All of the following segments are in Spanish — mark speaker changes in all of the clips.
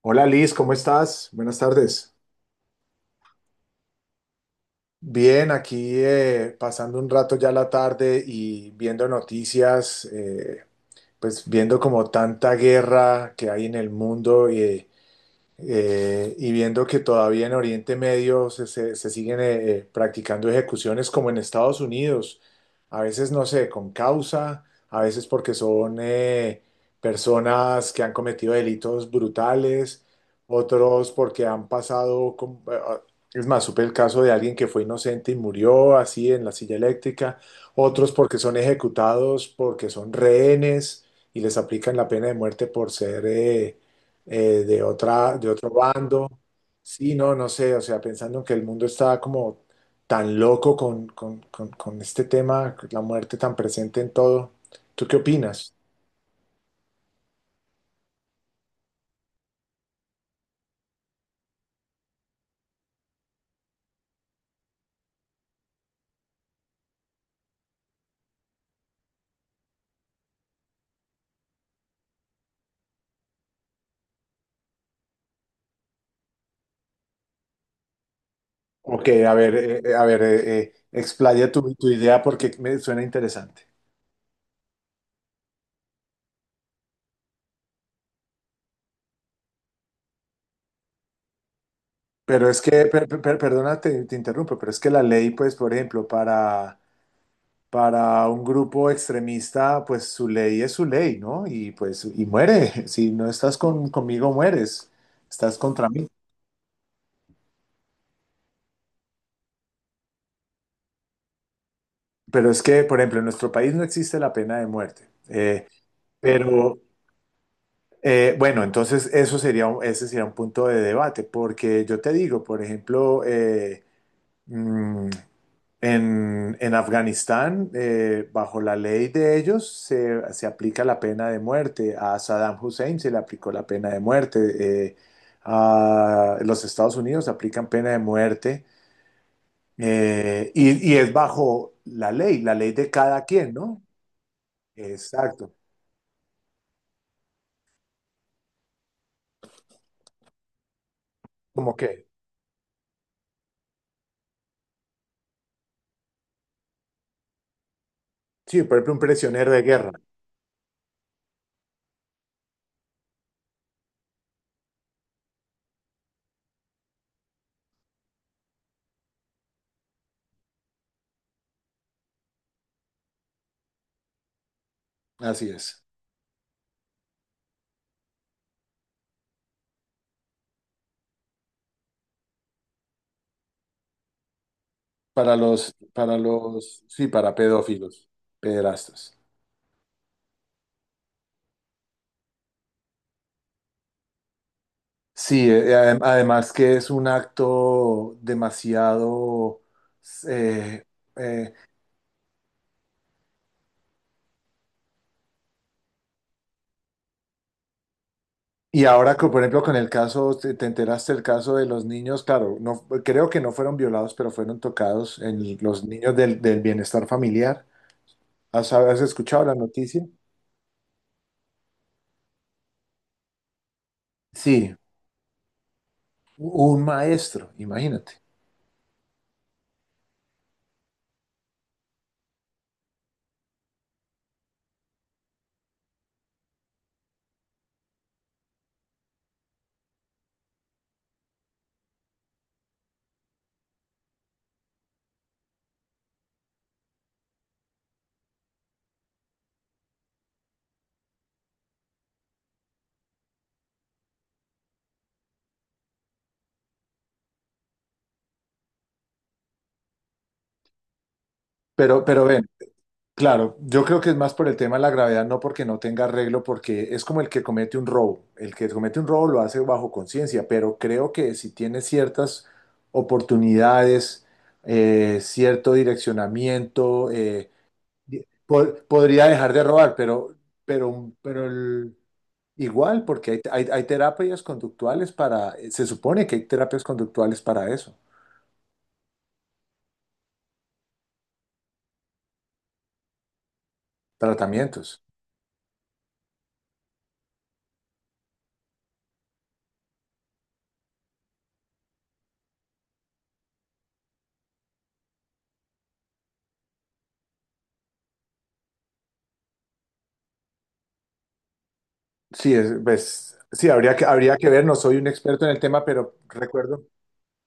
Speaker 1: Hola Liz, ¿cómo estás? Buenas tardes. Bien, aquí pasando un rato ya la tarde y viendo noticias, pues viendo como tanta guerra que hay en el mundo y viendo que todavía en Oriente Medio se siguen practicando ejecuciones como en Estados Unidos. A veces no sé, con causa. A veces porque son personas que han cometido delitos brutales. Otros porque han pasado, es más, supe el caso de alguien que fue inocente y murió así en la silla eléctrica. Otros porque son ejecutados porque son rehenes y les aplican la pena de muerte por ser, de otro bando. Sí, no, no sé, o sea, pensando en que el mundo está como tan loco con este tema, la muerte tan presente en todo. ¿Tú qué opinas? Ok, a ver, explaya tu idea porque me suena interesante. Pero es que, perdona, te interrumpo, pero es que la ley, pues, por ejemplo, para un grupo extremista, pues su ley es su ley, ¿no? Y pues, y muere. Si no estás conmigo, mueres. Estás contra mí. Pero es que, por ejemplo, en nuestro país no existe la pena de muerte. Pero, bueno, entonces eso sería, ese sería un punto de debate, porque yo te digo, por ejemplo, mm, en Afganistán, bajo la ley de ellos, se aplica la pena de muerte. A Saddam Hussein se le aplicó la pena de muerte. eh, a los Estados Unidos aplican pena de muerte. Y es bajo la ley de cada quien, ¿no? Exacto. Como que, sí, por ejemplo, un prisionero de guerra. Así es. Para los, sí, para pedófilos, pederastas. Sí, además que es un acto demasiado... eh, eh, y ahora, que, por ejemplo, con el caso, te enteraste del caso de los niños, claro, no, creo que no fueron violados, pero fueron tocados en los niños del bienestar familiar. ¿Has escuchado la noticia? Sí, un maestro, imagínate. Pero ven, claro, yo creo que es más por el tema de la gravedad, no porque no tenga arreglo, porque es como el que comete un robo. El que comete un robo lo hace bajo conciencia, pero creo que si tiene ciertas oportunidades, cierto direccionamiento, podría dejar de robar, pero, pero igual, porque hay terapias conductuales para, se supone que hay terapias conductuales para eso, tratamientos. Sí, pues, sí, habría que ver, no soy un experto en el tema, pero recuerdo,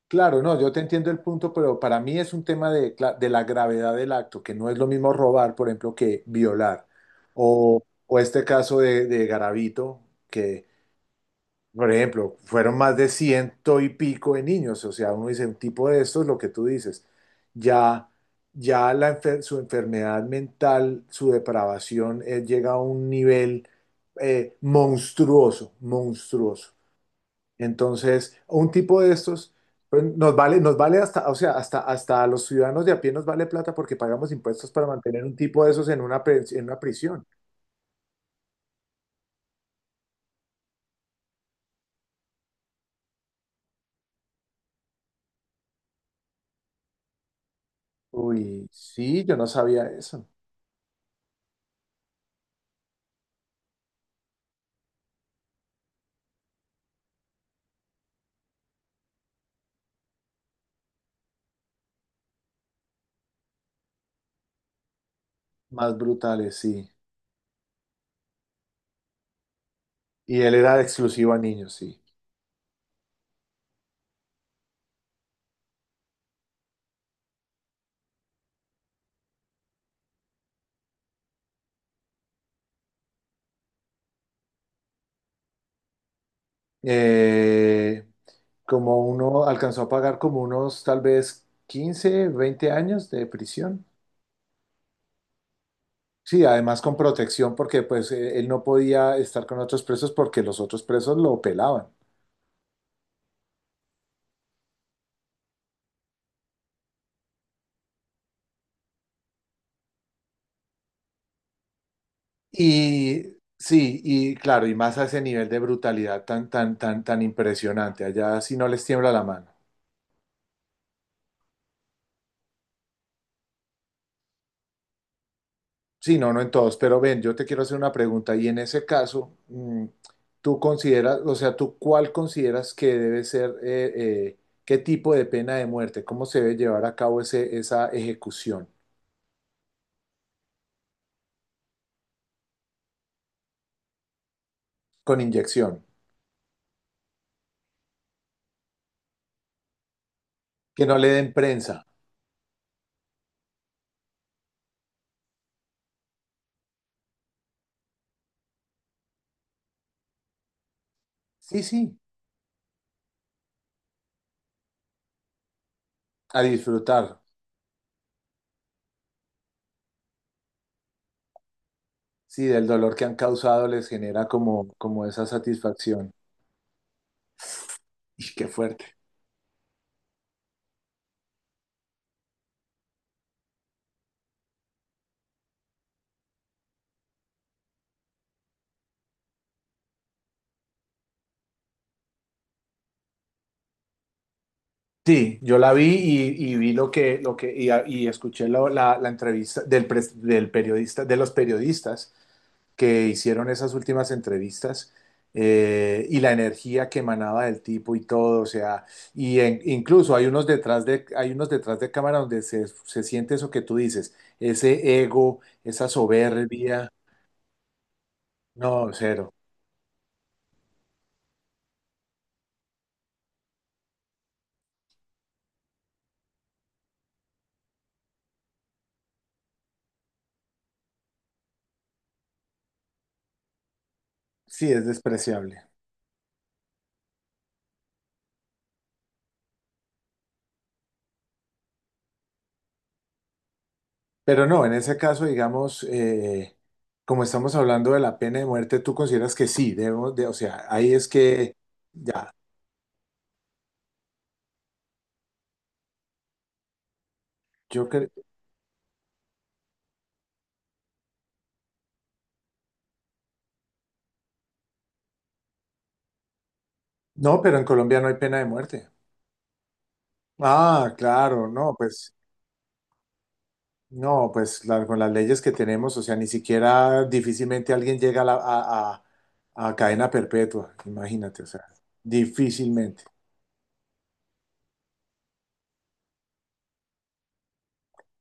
Speaker 1: claro, no, yo te entiendo el punto, pero para mí es un tema de, de la gravedad del acto, que no es lo mismo robar, por ejemplo, que violar, o este caso de Garavito, que por ejemplo, fueron más de ciento y pico de niños, o sea, uno dice, un tipo de estos, lo que tú dices, ya, ya su enfermedad mental, su depravación, llega a un nivel monstruoso, monstruoso. Entonces, un tipo de estos, pues, nos vale hasta, o sea, hasta, hasta a los ciudadanos de a pie nos vale plata porque pagamos impuestos para mantener un tipo de esos en en una prisión. Uy, sí, yo no sabía eso. Más brutales, sí. Y él era exclusivo a niños, sí. Eh, Como uno alcanzó a pagar como unos tal vez 15, 20 años de prisión. Sí, además con protección porque pues él no podía estar con otros presos porque los otros presos lo pelaban. Y sí, y claro, y más a ese nivel de brutalidad tan impresionante. Allá sí no les tiembla la mano. Sí, no, no en todos, pero ven, yo te quiero hacer una pregunta y en ese caso, tú consideras, o sea, tú cuál consideras que debe ser, qué tipo de pena de muerte, cómo se debe llevar a cabo esa ejecución con inyección, que no le den prensa. Sí, sí, a disfrutar, sí, del dolor que han causado les genera como, como esa satisfacción. Y qué fuerte. Sí, yo la vi y vi lo que, y escuché la, la entrevista del, del periodista, de los periodistas que hicieron esas últimas entrevistas y la energía que emanaba del tipo y todo, o sea, y incluso hay unos detrás de, cámara donde se siente eso que tú dices, ese ego, esa soberbia, no, cero, sí, es despreciable. Pero no, en ese caso, digamos, como estamos hablando de la pena de muerte, tú consideras que sí, debemos de, o sea, ahí es que, ya, yo creo, no, pero en Colombia no hay pena de muerte. Ah, claro, no, pues no, pues con las leyes que tenemos, o sea, ni siquiera difícilmente alguien llega a, a cadena perpetua, imagínate, o sea, difícilmente,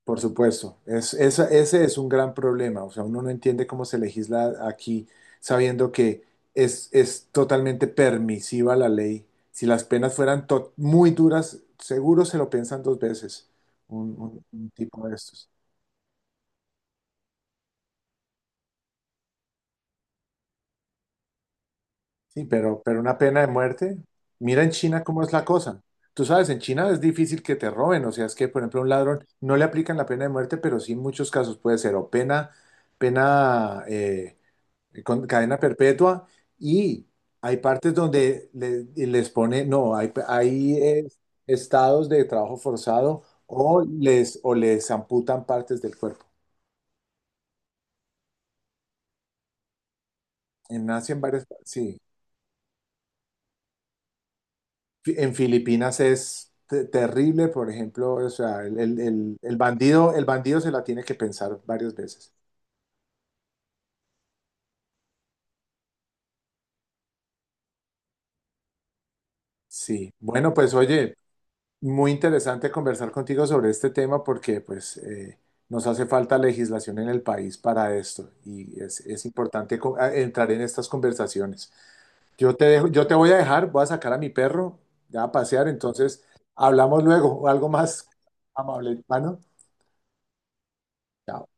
Speaker 1: por supuesto. Ese es un gran problema, o sea, uno no entiende cómo se legisla aquí sabiendo que es totalmente permisiva la ley. Si las penas fueran muy duras, seguro se lo piensan dos veces un tipo de estos. Sí, pero una pena de muerte. Mira en China cómo es la cosa. Tú sabes, en China es difícil que te roben, o sea, es que, por ejemplo, a un ladrón no le aplican la pena de muerte, pero sí en muchos casos puede ser o pena con cadena perpetua y hay partes donde les pone, no, hay estados de trabajo forzado o les amputan partes del cuerpo. En Asia, en varias, sí. En Filipinas es terrible, por ejemplo, o sea, el, el bandido se la tiene que pensar varias veces. Sí, bueno, pues oye, muy interesante conversar contigo sobre este tema porque pues nos hace falta legislación en el país para esto y es importante entrar en estas conversaciones. Yo te dejo, yo te voy a dejar, voy a sacar a mi perro ya a pasear, entonces hablamos luego, algo más amable, hermano. Chao.